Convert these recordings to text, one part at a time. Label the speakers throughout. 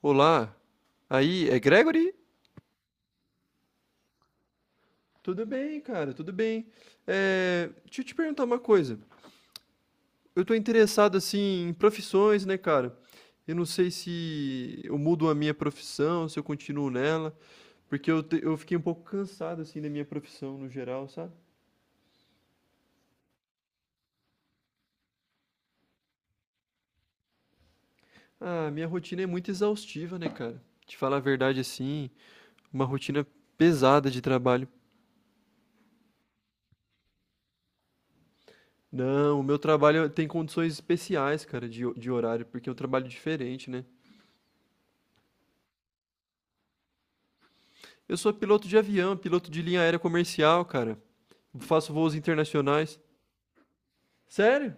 Speaker 1: Olá, aí é Gregory? Tudo bem, cara, tudo bem. É, deixa eu te perguntar uma coisa. Eu tô interessado assim em profissões, né, cara? Eu não sei se eu mudo a minha profissão, se eu continuo nela, porque eu fiquei um pouco cansado assim da minha profissão no geral, sabe? Ah, minha rotina é muito exaustiva, né, cara? Te falar a verdade assim, uma rotina pesada de trabalho. Não, o meu trabalho tem condições especiais, cara, de horário, porque é um trabalho diferente, né? Eu sou piloto de avião, piloto de linha aérea comercial, cara. Faço voos internacionais. Sério?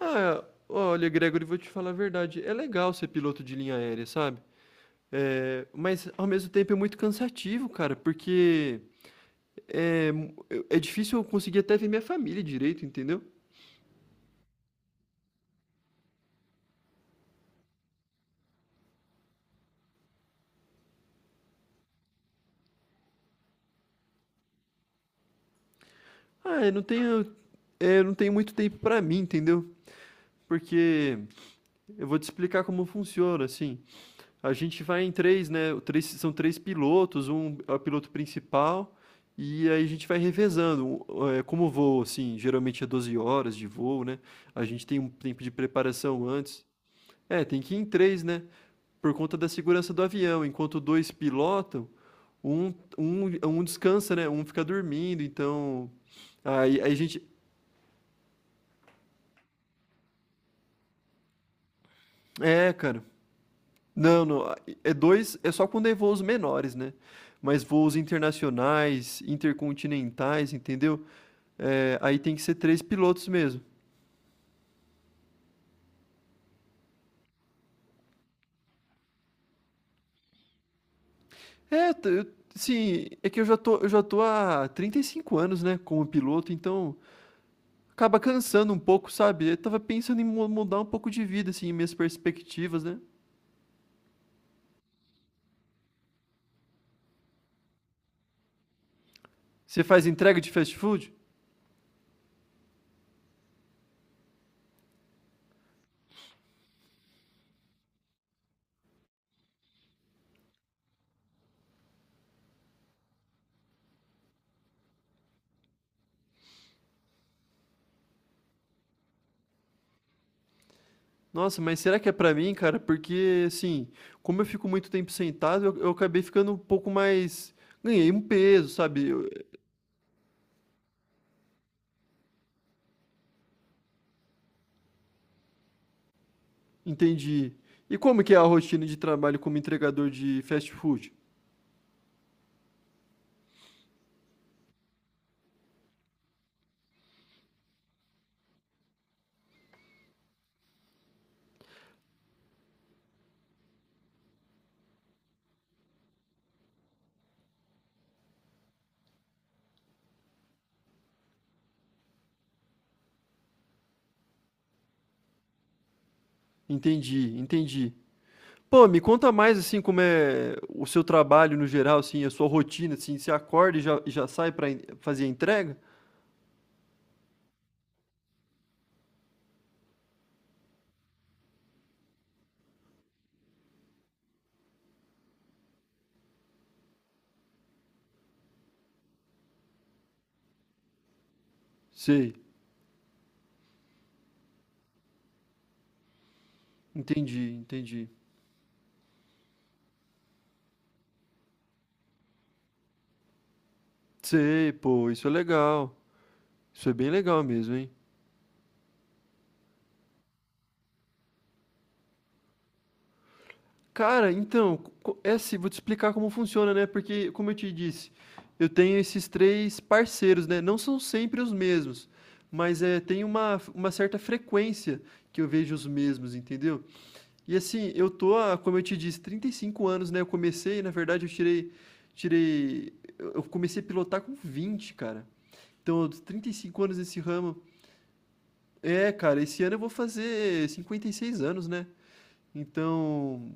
Speaker 1: Ah, olha, Gregory, vou te falar a verdade. É legal ser piloto de linha aérea, sabe? É, mas ao mesmo tempo é muito cansativo, cara, porque é, é difícil eu conseguir até ver minha família direito, entendeu? Ah, eu não tenho muito tempo pra mim, entendeu? Porque eu vou te explicar como funciona, assim. A gente vai em três, né? Três, são três pilotos, um é o piloto principal, e aí a gente vai revezando. Como o voo, assim, geralmente é 12 horas de voo, né? A gente tem um tempo de preparação antes. É, tem que ir em três, né? Por conta da segurança do avião. Enquanto dois pilotam, um descansa, né? Um fica dormindo, então. Aí a gente. É, cara. Não, não, a É dois, é só quando é voos menores, né, mas voos internacionais, intercontinentais, entendeu, aí tem que ser 3 pilotos mesmo. É, t assim, é que eu já tô há 35 anos, né, como piloto, então acaba cansando um pouco, sabe. Eu estava pensando em mu mudar um pouco de vida, assim, minhas perspectivas, né. Você faz entrega de fast food? Nossa, mas será que é pra mim, cara? Porque, assim, como eu fico muito tempo sentado, eu acabei ficando um pouco mais. Ganhei um peso, sabe? Entendi. E como que é a rotina de trabalho como entregador de fast food? Entendi, entendi. Pô, me conta mais, assim, como é o seu trabalho no geral, assim, a sua rotina, assim, você acorda e já sai fazer a entrega? Sei, entendi, entendi. Sei, pô, isso é legal. Isso é bem legal mesmo, hein? Cara, então, co é assim, vou te explicar como funciona, né, porque como eu te disse, eu tenho esses 3 parceiros, né, não são sempre os mesmos, mas, é tem uma certa frequência que eu vejo os mesmos, entendeu. E assim, eu tô há, como eu te disse, 35 anos, né, eu comecei na verdade eu tirei tirei eu comecei a pilotar com 20, cara. Então, dos 35 anos nesse ramo. É, cara, esse ano eu vou fazer 56 anos, né. Então,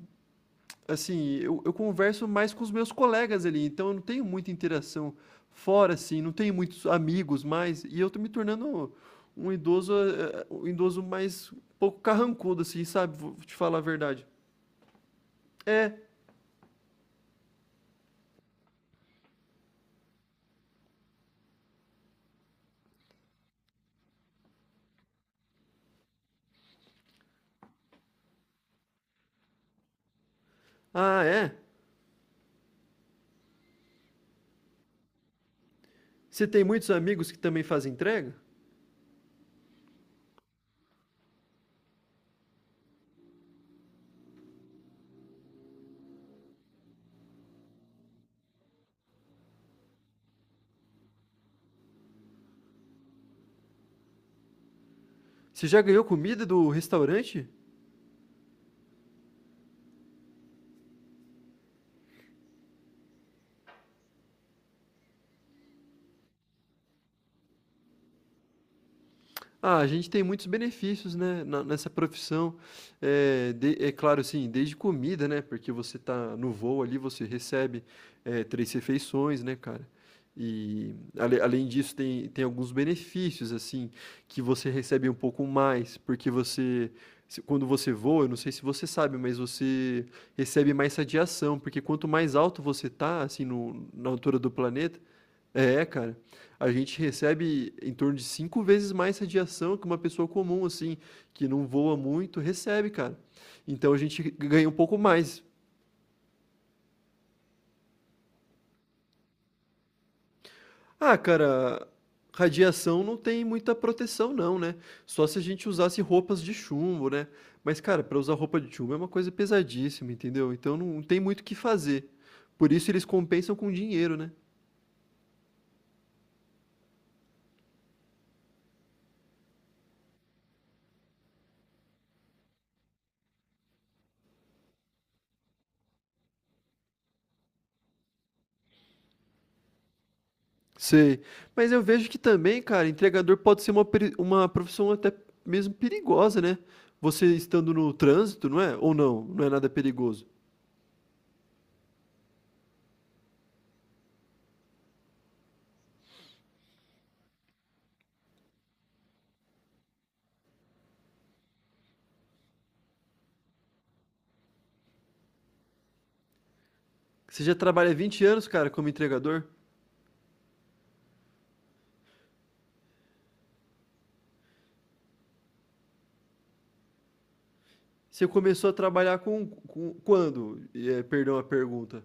Speaker 1: Assim, eu converso mais com os meus colegas ali, então eu não tenho muita interação fora, assim, não tenho muitos amigos mais, e eu tô me tornando um idoso, um idoso mais um pouco carrancudo, assim, sabe, vou te falar a verdade. É. "Ah, é? Você tem muitos amigos que também fazem entrega? Você já ganhou comida do restaurante?" Ah, a gente tem muitos benefícios, né, na nessa profissão, eh, de é claro, assim, desde comida, né, porque você tá no voo ali, você recebe, 3 refeições, né, cara. E ale além disso tem alguns benefícios, assim, que você recebe um pouco mais, porque você se quando você voa, eu não sei se você sabe, mas você recebe mais radiação, porque quanto mais alto você tá, assim, no na altura do planeta é, cara. A gente recebe em torno de 5 vezes mais radiação que uma pessoa comum, assim, que não voa muito, recebe, cara. Então a gente ganha um pouco mais. Ah, cara, radiação não tem muita proteção, não, né? Só se a gente usasse roupas de chumbo, né? Mas, cara, para usar roupa de chumbo é uma coisa pesadíssima, entendeu? Então não tem muito o que fazer. Por isso eles compensam com dinheiro, né? Sei. Mas eu vejo que também, cara, entregador pode ser uma profissão até mesmo perigosa, né? Você estando no trânsito, não é? Ou não, não é nada perigoso. Você já trabalha 20 anos, cara, como entregador? Você começou a trabalhar quando? Perdão a pergunta.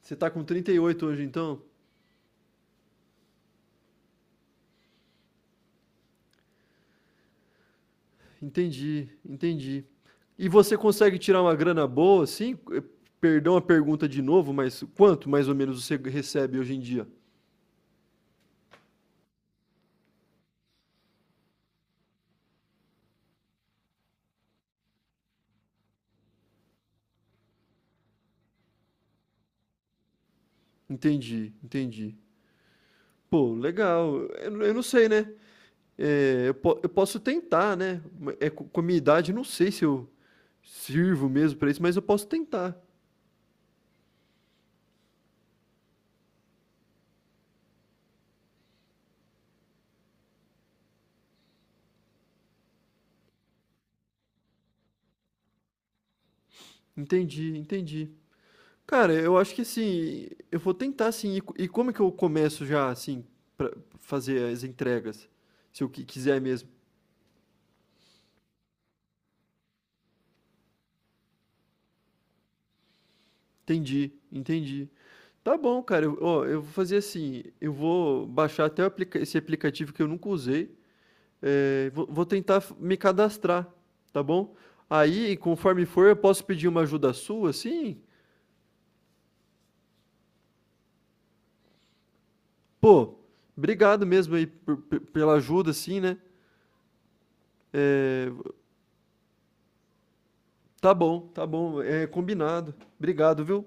Speaker 1: Você tá com 38 hoje, então? Entendi, entendi. E você consegue tirar uma grana boa, assim? Perdão a pergunta de novo, mas quanto mais ou menos você recebe hoje em dia? Entendi, entendi. Pô, legal. Eu não sei, né? É, eu posso tentar, né? É, com a minha idade, eu não sei se eu sirvo mesmo pra isso, mas eu posso tentar. Entendi, entendi. Cara, eu acho que assim, eu vou tentar assim. E como é que eu começo já, assim, pra fazer as entregas? Se eu quiser mesmo. Entendi, entendi. Tá bom, cara. Eu, ó, eu vou fazer assim. Eu vou baixar até o esse aplicativo que eu nunca usei. É, vou tentar me cadastrar, tá bom? Aí, conforme for, eu posso pedir uma ajuda sua, assim? Pô, obrigado mesmo aí pela ajuda, assim, né? É, tá bom, é combinado. Obrigado, viu?